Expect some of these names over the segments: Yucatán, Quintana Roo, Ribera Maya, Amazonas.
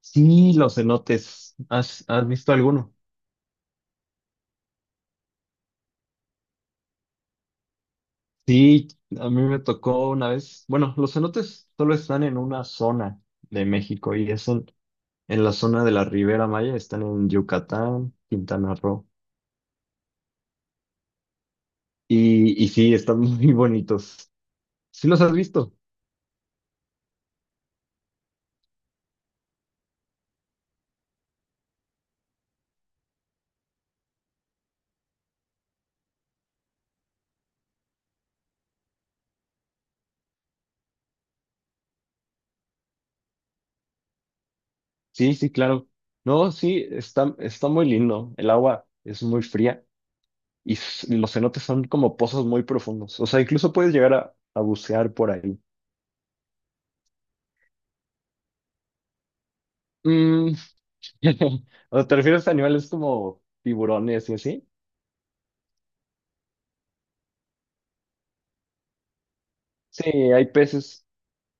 Sí, los cenotes. ¿Has visto alguno? Sí, a mí me tocó una vez. Bueno, los cenotes solo están en una zona de México y es en la zona de la Ribera Maya. Están en Yucatán, Quintana Roo. Y sí, están muy bonitos. ¿Sí los has visto? Sí, sí, claro. No, sí, está muy lindo. El agua es muy fría y los cenotes son como pozos muy profundos. O sea, incluso puedes llegar a bucear por ahí. Mm. O sea, ¿te refieres a animales como tiburones y así? Sí, hay peces,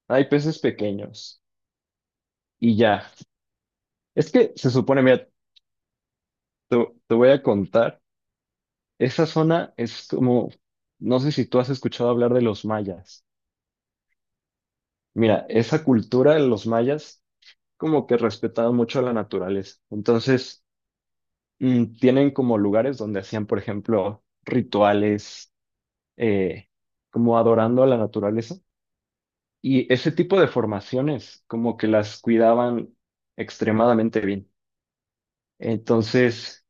hay peces pequeños y ya. Es que se supone, mira, te, te voy a contar, esa zona es como, no sé si tú has escuchado hablar de los mayas. Mira, esa cultura de los mayas como que respetaban mucho la naturaleza. Entonces, tienen como lugares donde hacían, por ejemplo, rituales, eh, como adorando a la naturaleza. Y ese tipo de formaciones como que las cuidaban extremadamente bien. Entonces,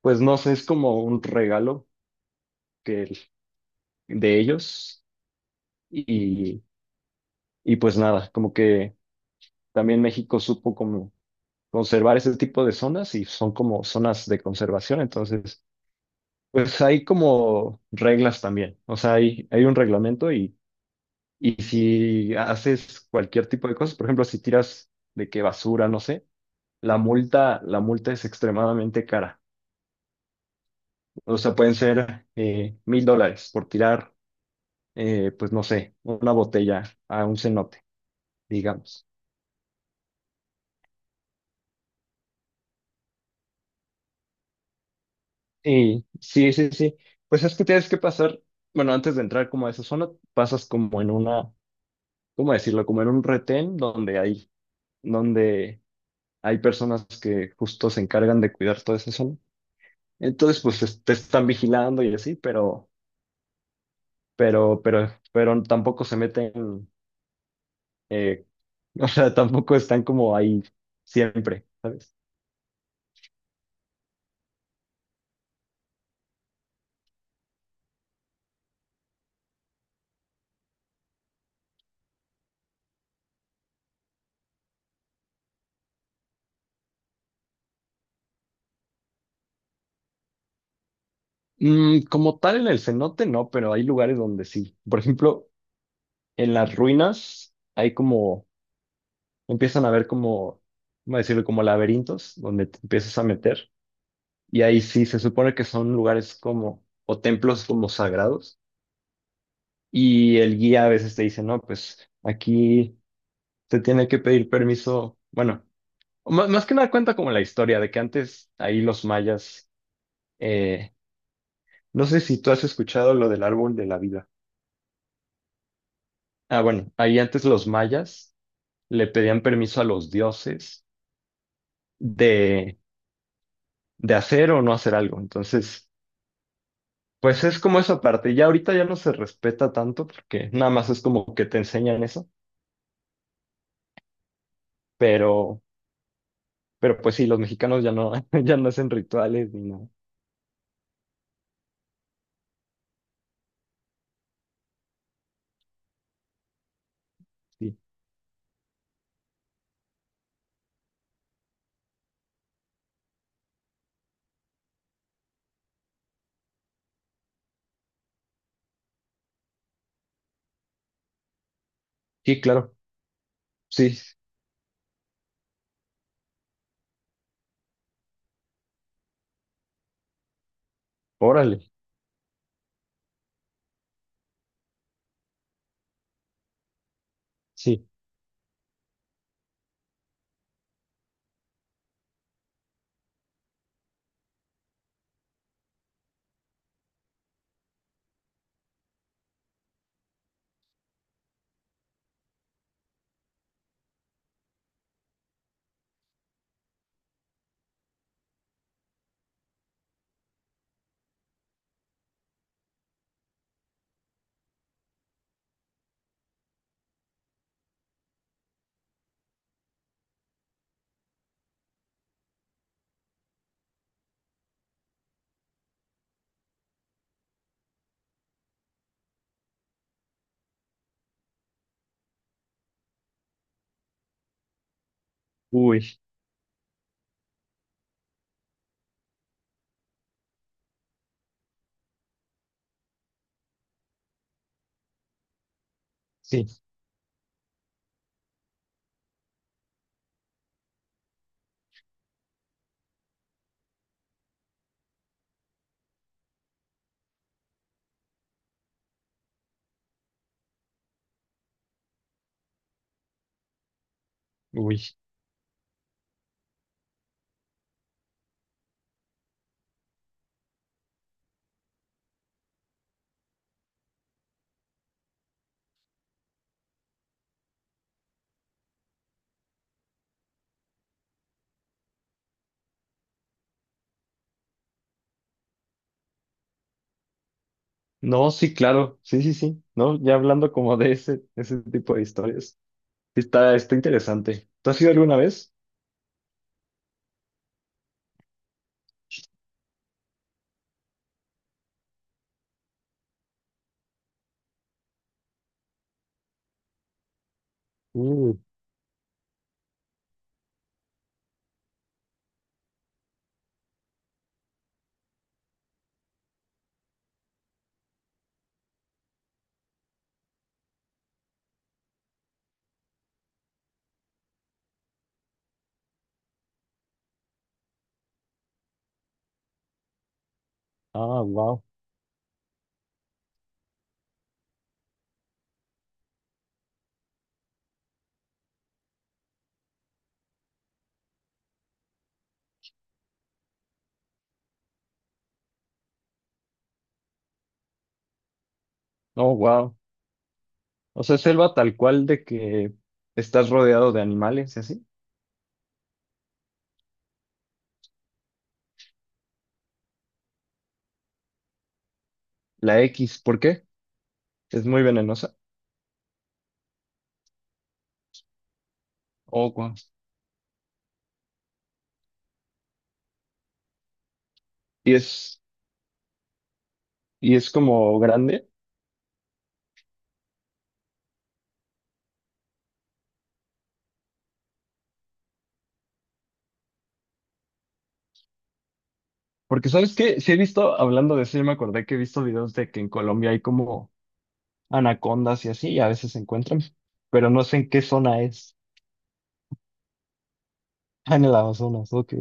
pues no sé, es como un regalo que, el- de ellos y, y pues nada, como que también México supo como conservar ese tipo de zonas y son como zonas de conservación. Entonces, pues hay como reglas también. O sea, hay un reglamento y si haces cualquier tipo de cosas, por ejemplo, si tiras de que basura, no sé. La multa es extremadamente cara. O sea, pueden ser, $1,000 por tirar, pues no sé, una botella a un cenote, digamos. Y sí, sí, sí. Pues es que tienes que pasar, bueno, antes de entrar como a esa zona, pasas como en una, ¿cómo decirlo? Como en un retén donde hay personas que justo se encargan de cuidar toda esa zona. Entonces, pues te están vigilando y así, pero, pero tampoco se meten, eh, o sea, tampoco están como ahí siempre, ¿sabes? Como tal en el cenote no, pero hay lugares donde sí. Por ejemplo, en las ruinas hay como, empiezan a ver como, ¿cómo decirlo? Como laberintos donde te empiezas a meter. Y ahí sí se supone que son lugares como, o templos como sagrados. Y el guía a veces te dice, no, pues aquí te tiene que pedir permiso. Bueno, más, más que nada cuenta como la historia de que antes ahí los mayas, eh, no sé si tú has escuchado lo del árbol de la vida. Ah, bueno, ahí antes los mayas le pedían permiso a los dioses de, de hacer o no hacer algo. Entonces, pues es como esa parte. Ya ahorita ya no se respeta tanto porque nada más es como que te enseñan eso, pero, pero pues sí, los mexicanos ya no, ya no hacen rituales ni nada. Sí, sí, claro. Sí, órale. Sí, uy, sí, uy. No, sí, claro. Sí, sí, sí. No, ya hablando como de ese tipo de historias. Está interesante. ¿Tú has ido alguna vez? Uh, ah, wow. Oh, wow. O sea, selva tal cual de que estás rodeado de animales y así. La X, ¿por qué? Es muy venenosa. Oh, wow. Y es, y es como grande. Porque, ¿sabes qué? Sí he visto, hablando de eso, yo me acordé que he visto videos de que en Colombia hay como anacondas y así, y a veces se encuentran, pero no sé en qué zona es. Ah, en el Amazonas, ok.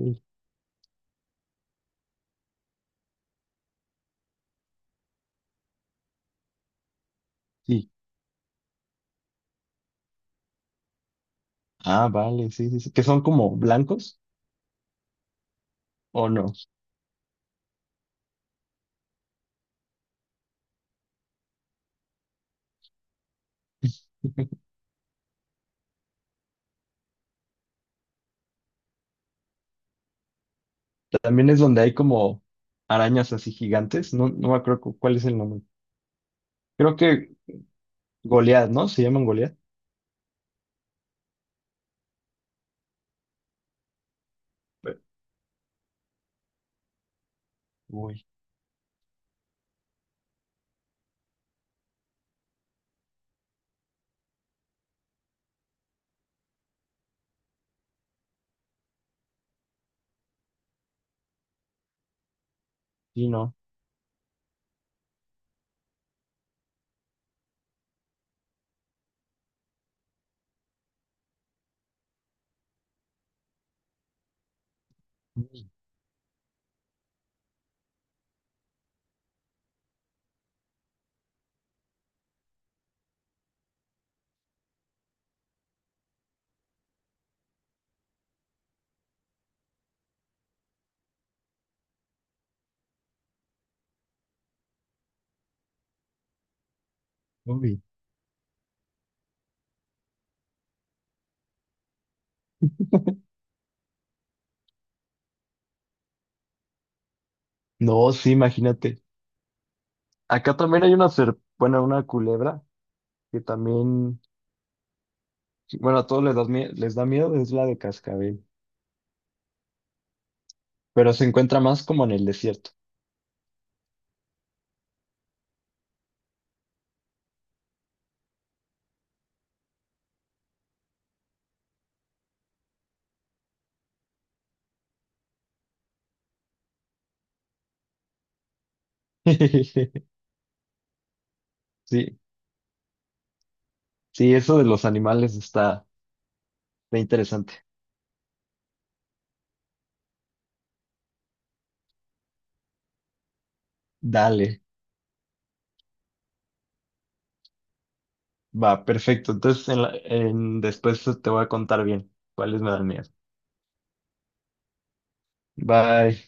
Sí. Ah, vale, sí, sí, sí. ¿Que son como blancos o no? También es donde hay como arañas así gigantes. No, no me acuerdo cuál es el nombre. Creo que Goliath, ¿no? ¿Se llaman Goliath? Pe- Uy, sí, no. Zombie. No, sí, imagínate. Acá también hay una culebra que también, sí, bueno, a todos les da miedo, es la de cascabel, pero se encuentra más como en el desierto. Sí, sí, eso de los animales está interesante. Dale, va, perfecto. Entonces, después te voy a contar bien cuáles me dan miedo. Bye.